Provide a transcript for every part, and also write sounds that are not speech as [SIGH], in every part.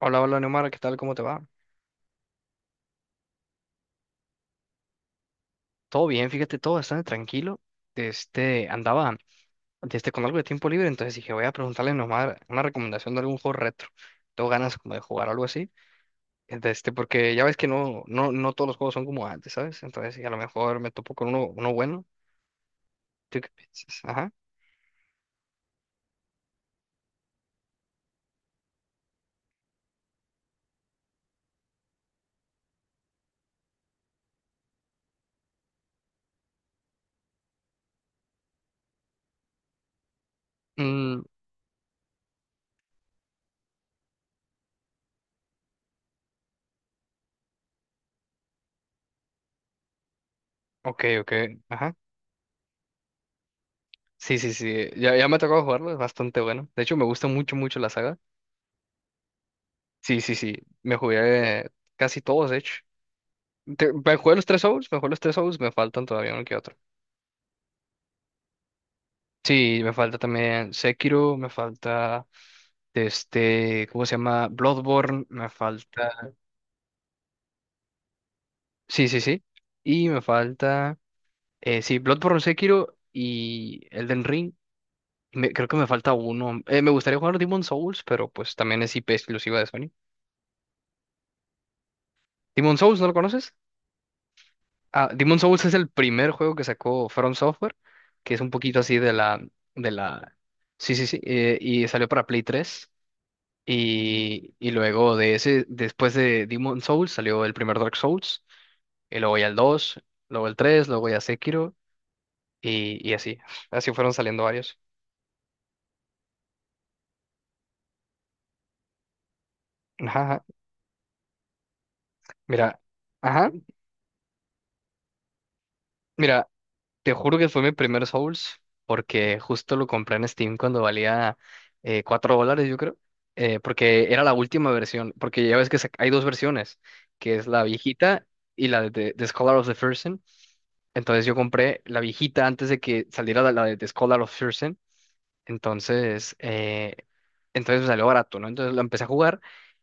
Hola, hola Neomar, ¿qué tal? ¿Cómo te va? Todo bien, fíjate, todo bastante tranquilo. Andaba con algo de tiempo libre, entonces dije, voy a preguntarle a Neomar una recomendación de algún juego retro. Tengo ganas como de jugar algo así. Porque ya ves que no, no, no todos los juegos son como antes, ¿sabes? Entonces, y a lo mejor me topo con uno bueno. ¿Tú qué piensas? Ajá. Mm, ok, ok, ajá. Sí, sí, sí. Ya, ya me ha tocado jugarlo, es bastante bueno. De hecho, me gusta mucho, mucho la saga. Sí, sí, sí. Me jugué casi todos, de hecho. Me jugué los tres Souls, me faltan todavía uno que otro. Sí, me falta también Sekiro, me falta ¿cómo se llama? Bloodborne, me falta. Sí, sí, sí. Y me falta. Sí, Bloodborne, Sekiro y Elden Ring. Creo que me falta uno. Me gustaría jugar Demon Souls, pero pues también es IP exclusiva de Sony. Demon Souls, ¿no lo conoces? Ah, Demon Souls es el primer juego que sacó From Software, que es un poquito así de la, sí, sí, sí. Y salió para Play tres. Y luego de ese, después de Demon Souls salió el primer Dark Souls, y luego ya el dos, luego el tres, luego ya Sekiro, y así. Así fueron saliendo varios. Ajá, ajá. Mira, ajá, mira, te juro que fue mi primer Souls, porque justo lo compré en Steam cuando valía $4, yo creo, porque era la última versión, porque ya ves que hay dos versiones, que es la viejita y la de Scholar of the First. Entonces yo compré la viejita antes de que saliera la de The Scholar of Thurston. Entonces, entonces me salió barato, ¿no? Entonces la empecé a jugar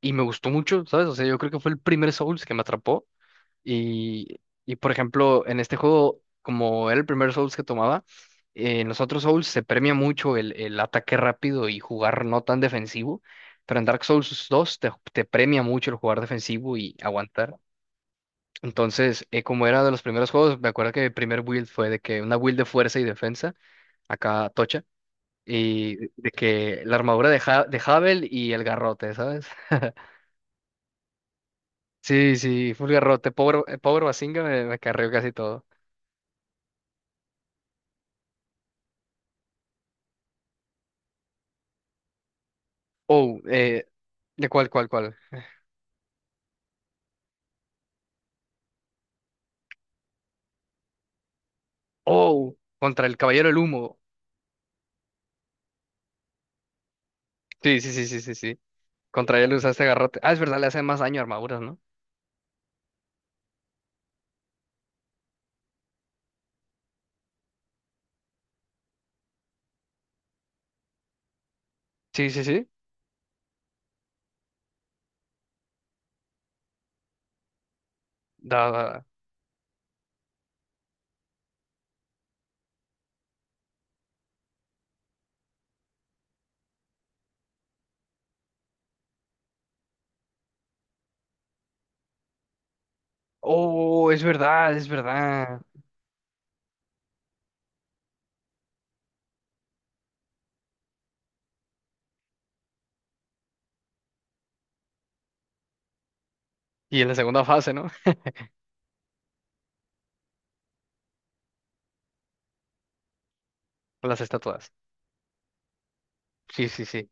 y me gustó mucho, ¿sabes? O sea, yo creo que fue el primer Souls que me atrapó. Y, y por ejemplo, en este juego, como era el primer Souls que tomaba, en los otros Souls se premia mucho el ataque rápido y jugar no tan defensivo. Pero en Dark Souls dos te premia mucho el jugar defensivo y aguantar. Entonces, como era de los primeros juegos, me acuerdo que el primer build fue de que una build de fuerza y defensa, acá tocha, y de que la armadura de Havel y el garrote, ¿sabes? [LAUGHS] Sí, sí, full garrote, power pobre Bazinga me carrió casi todo. Oh, ¿de cuál, cuál, cuál? Oh, contra el Caballero del Humo. Sí, sí, sí, sí, sí, sí. Contra él usaste garrote. Ah, es verdad, le hace más daño a armaduras, ¿no? Sí, sí, sí. Da, da, da. Oh, es verdad, es verdad. Y en la segunda fase, ¿no? [LAUGHS] Las estatuas. Sí, sí, sí.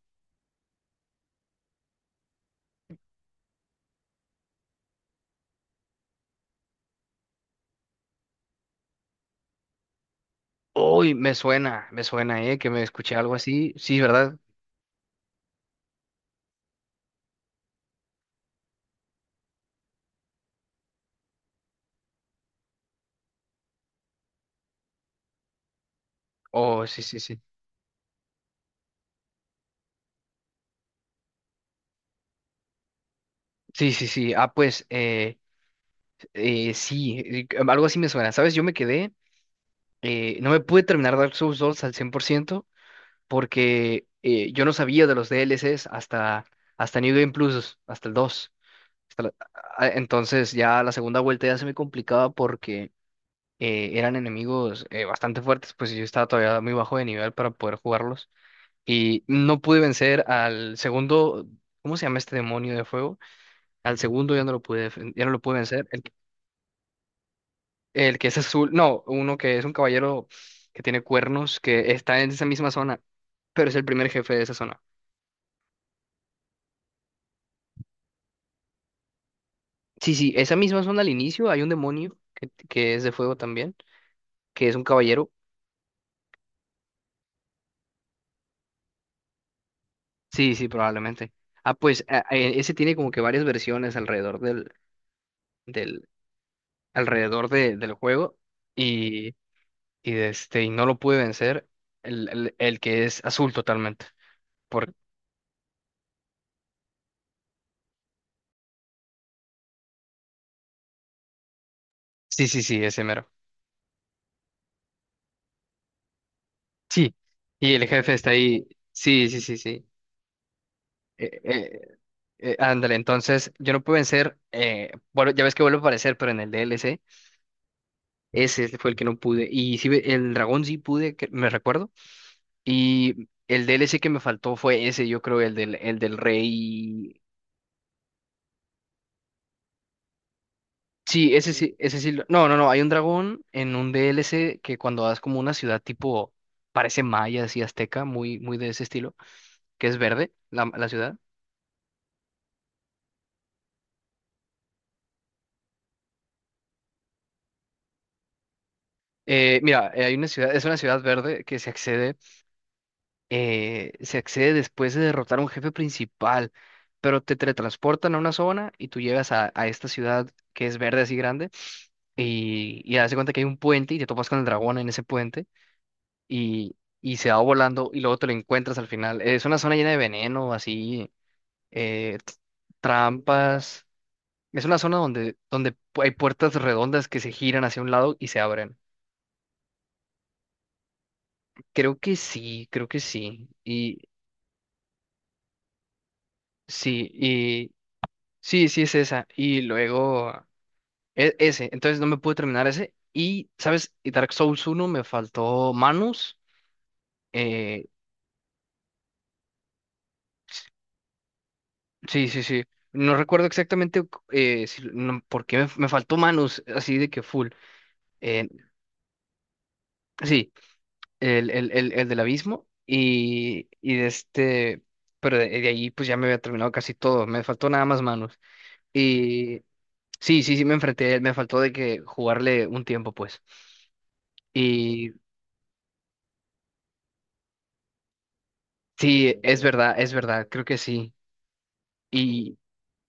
Uy, me suena, ¿eh? Que me escuché algo así. Sí, ¿verdad? Oh, sí, sí, sí. Sí, sí, sí. Ah, pues, sí, algo así me suena. ¿Sabes? Yo me quedé, no me pude terminar Dark Souls 2 al 100% porque yo no sabía de los DLCs hasta New Game Plus, hasta el dos, hasta la- ah, entonces ya la segunda vuelta ya se me complicaba porque eran enemigos bastante fuertes, pues yo estaba todavía muy bajo de nivel para poder jugarlos. Y no pude vencer al segundo, ¿cómo se llama este demonio de fuego? Al segundo ya no lo pude, ya no lo pude vencer, el que es azul, no, uno que es un caballero que tiene cuernos, que está en esa misma zona, pero es el primer jefe de esa zona. Sí, sí, esa misma zona al inicio hay un demonio que es de fuego también, que es un caballero. Sí, sí, probablemente. Ah, pues ese tiene como que varias versiones alrededor del, del, alrededor del juego. Y, y no lo pude vencer, el que es azul totalmente. Por... Sí, sí, sí, ese mero. Sí, y el jefe está ahí. Sí, sí, sí, sí. Eh, eh, ándale, entonces yo no pude vencer, bueno, ya ves que vuelve a aparecer, pero en el DLC, ese fue el que no pude. Y sí, el dragón sí pude, me recuerdo. Y el DLC que me faltó fue ese, yo creo, el del rey. Sí, ese sí, ese sí. No, no, no. Hay un dragón en un DLC que cuando vas como una ciudad tipo, parece maya, así azteca, muy, muy de ese estilo, que es verde, la ciudad. Mira, hay una ciudad, es una ciudad verde que se accede después de derrotar a un jefe principal, pero te teletransportan a una zona y tú llegas a esta ciudad que es verde así grande y haz de cuenta que hay un puente y te topas con el dragón en ese puente y, y se va volando y luego te lo encuentras al final. Es una zona llena de veneno, así, eh, t- trampas. Es una zona donde hay puertas redondas que se giran hacia un lado y se abren. Creo que sí, creo que sí. Y sí, y sí, sí es esa. Y luego ese. Entonces no me pude terminar ese. Y, ¿sabes? Y Dark Souls uno me faltó Manus. eh, Sí, sí, sí. No recuerdo exactamente, no, por me faltó manos así de que full. Eh, sí, el del abismo y pero de ahí pues ya me había terminado casi todo. Me faltó nada más manos. Y sí, sí, sí, me enfrenté a él, me faltó de que jugarle un tiempo pues. Y sí, es verdad, creo que sí. Y,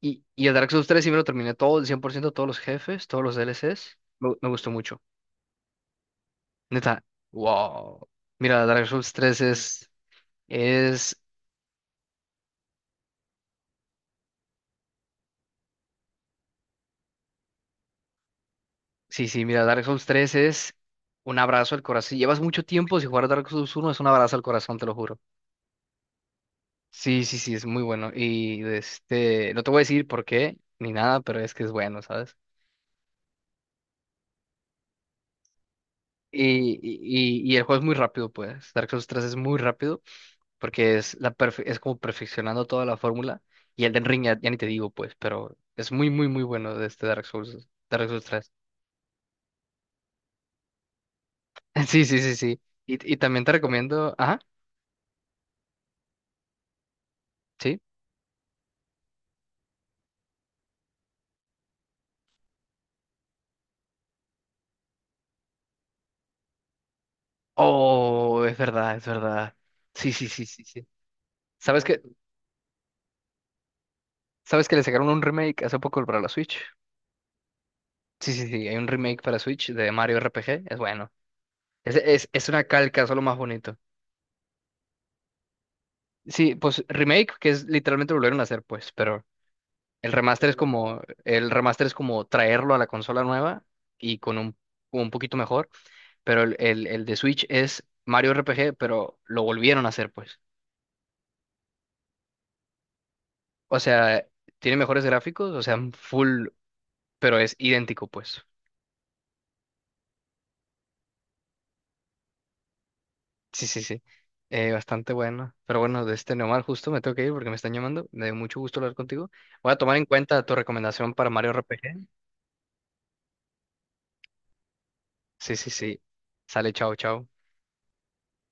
y el Dark Souls tres sí me lo terminé todo, el 100% todos los jefes, todos los DLCs. Me gustó mucho. Neta, wow. Mira, Dark Souls tres es, sí, sí, mira, Dark Souls tres es un abrazo al corazón. Si llevas mucho tiempo sin jugar Dark Souls uno, es un abrazo al corazón, te lo juro. Sí, sí, sí, es muy bueno. Y no te voy a decir por qué ni nada, pero es que es bueno, ¿sabes? Y el juego es muy rápido, pues. Dark Souls tres es muy rápido porque es como perfeccionando toda la fórmula. Y Elden Ring ya, ya ni te digo, pues, pero es muy, muy, muy bueno de Dark Souls, Dark Souls tres. [LAUGHS] Sí, sí, sí, sí. Y también te recomiendo. Ajá, sí. Oh, es verdad, es verdad. Sí, sí, sí, sí, sí. ¿Sabes que, sabes que le sacaron un remake hace poco para la Switch? Sí, sí, sí. Hay un remake para Switch de Mario RPG. Es bueno. Es una calca, solo más bonito. Sí, pues remake, que es literalmente lo volvieron a hacer, pues, pero el remaster es como traerlo a la consola nueva y con un poquito mejor, pero el de Switch es Mario RPG, pero lo volvieron a hacer, pues. O sea, tiene mejores gráficos, o sea, full, pero es idéntico, pues. Sí, sí, sí. Bastante bueno. Pero bueno, de este Neomar, justo me tengo que ir porque me están llamando. Me dio mucho gusto hablar contigo. Voy a tomar en cuenta tu recomendación para Mario RPG. Sí, sí, sí. Sale, chao, chao.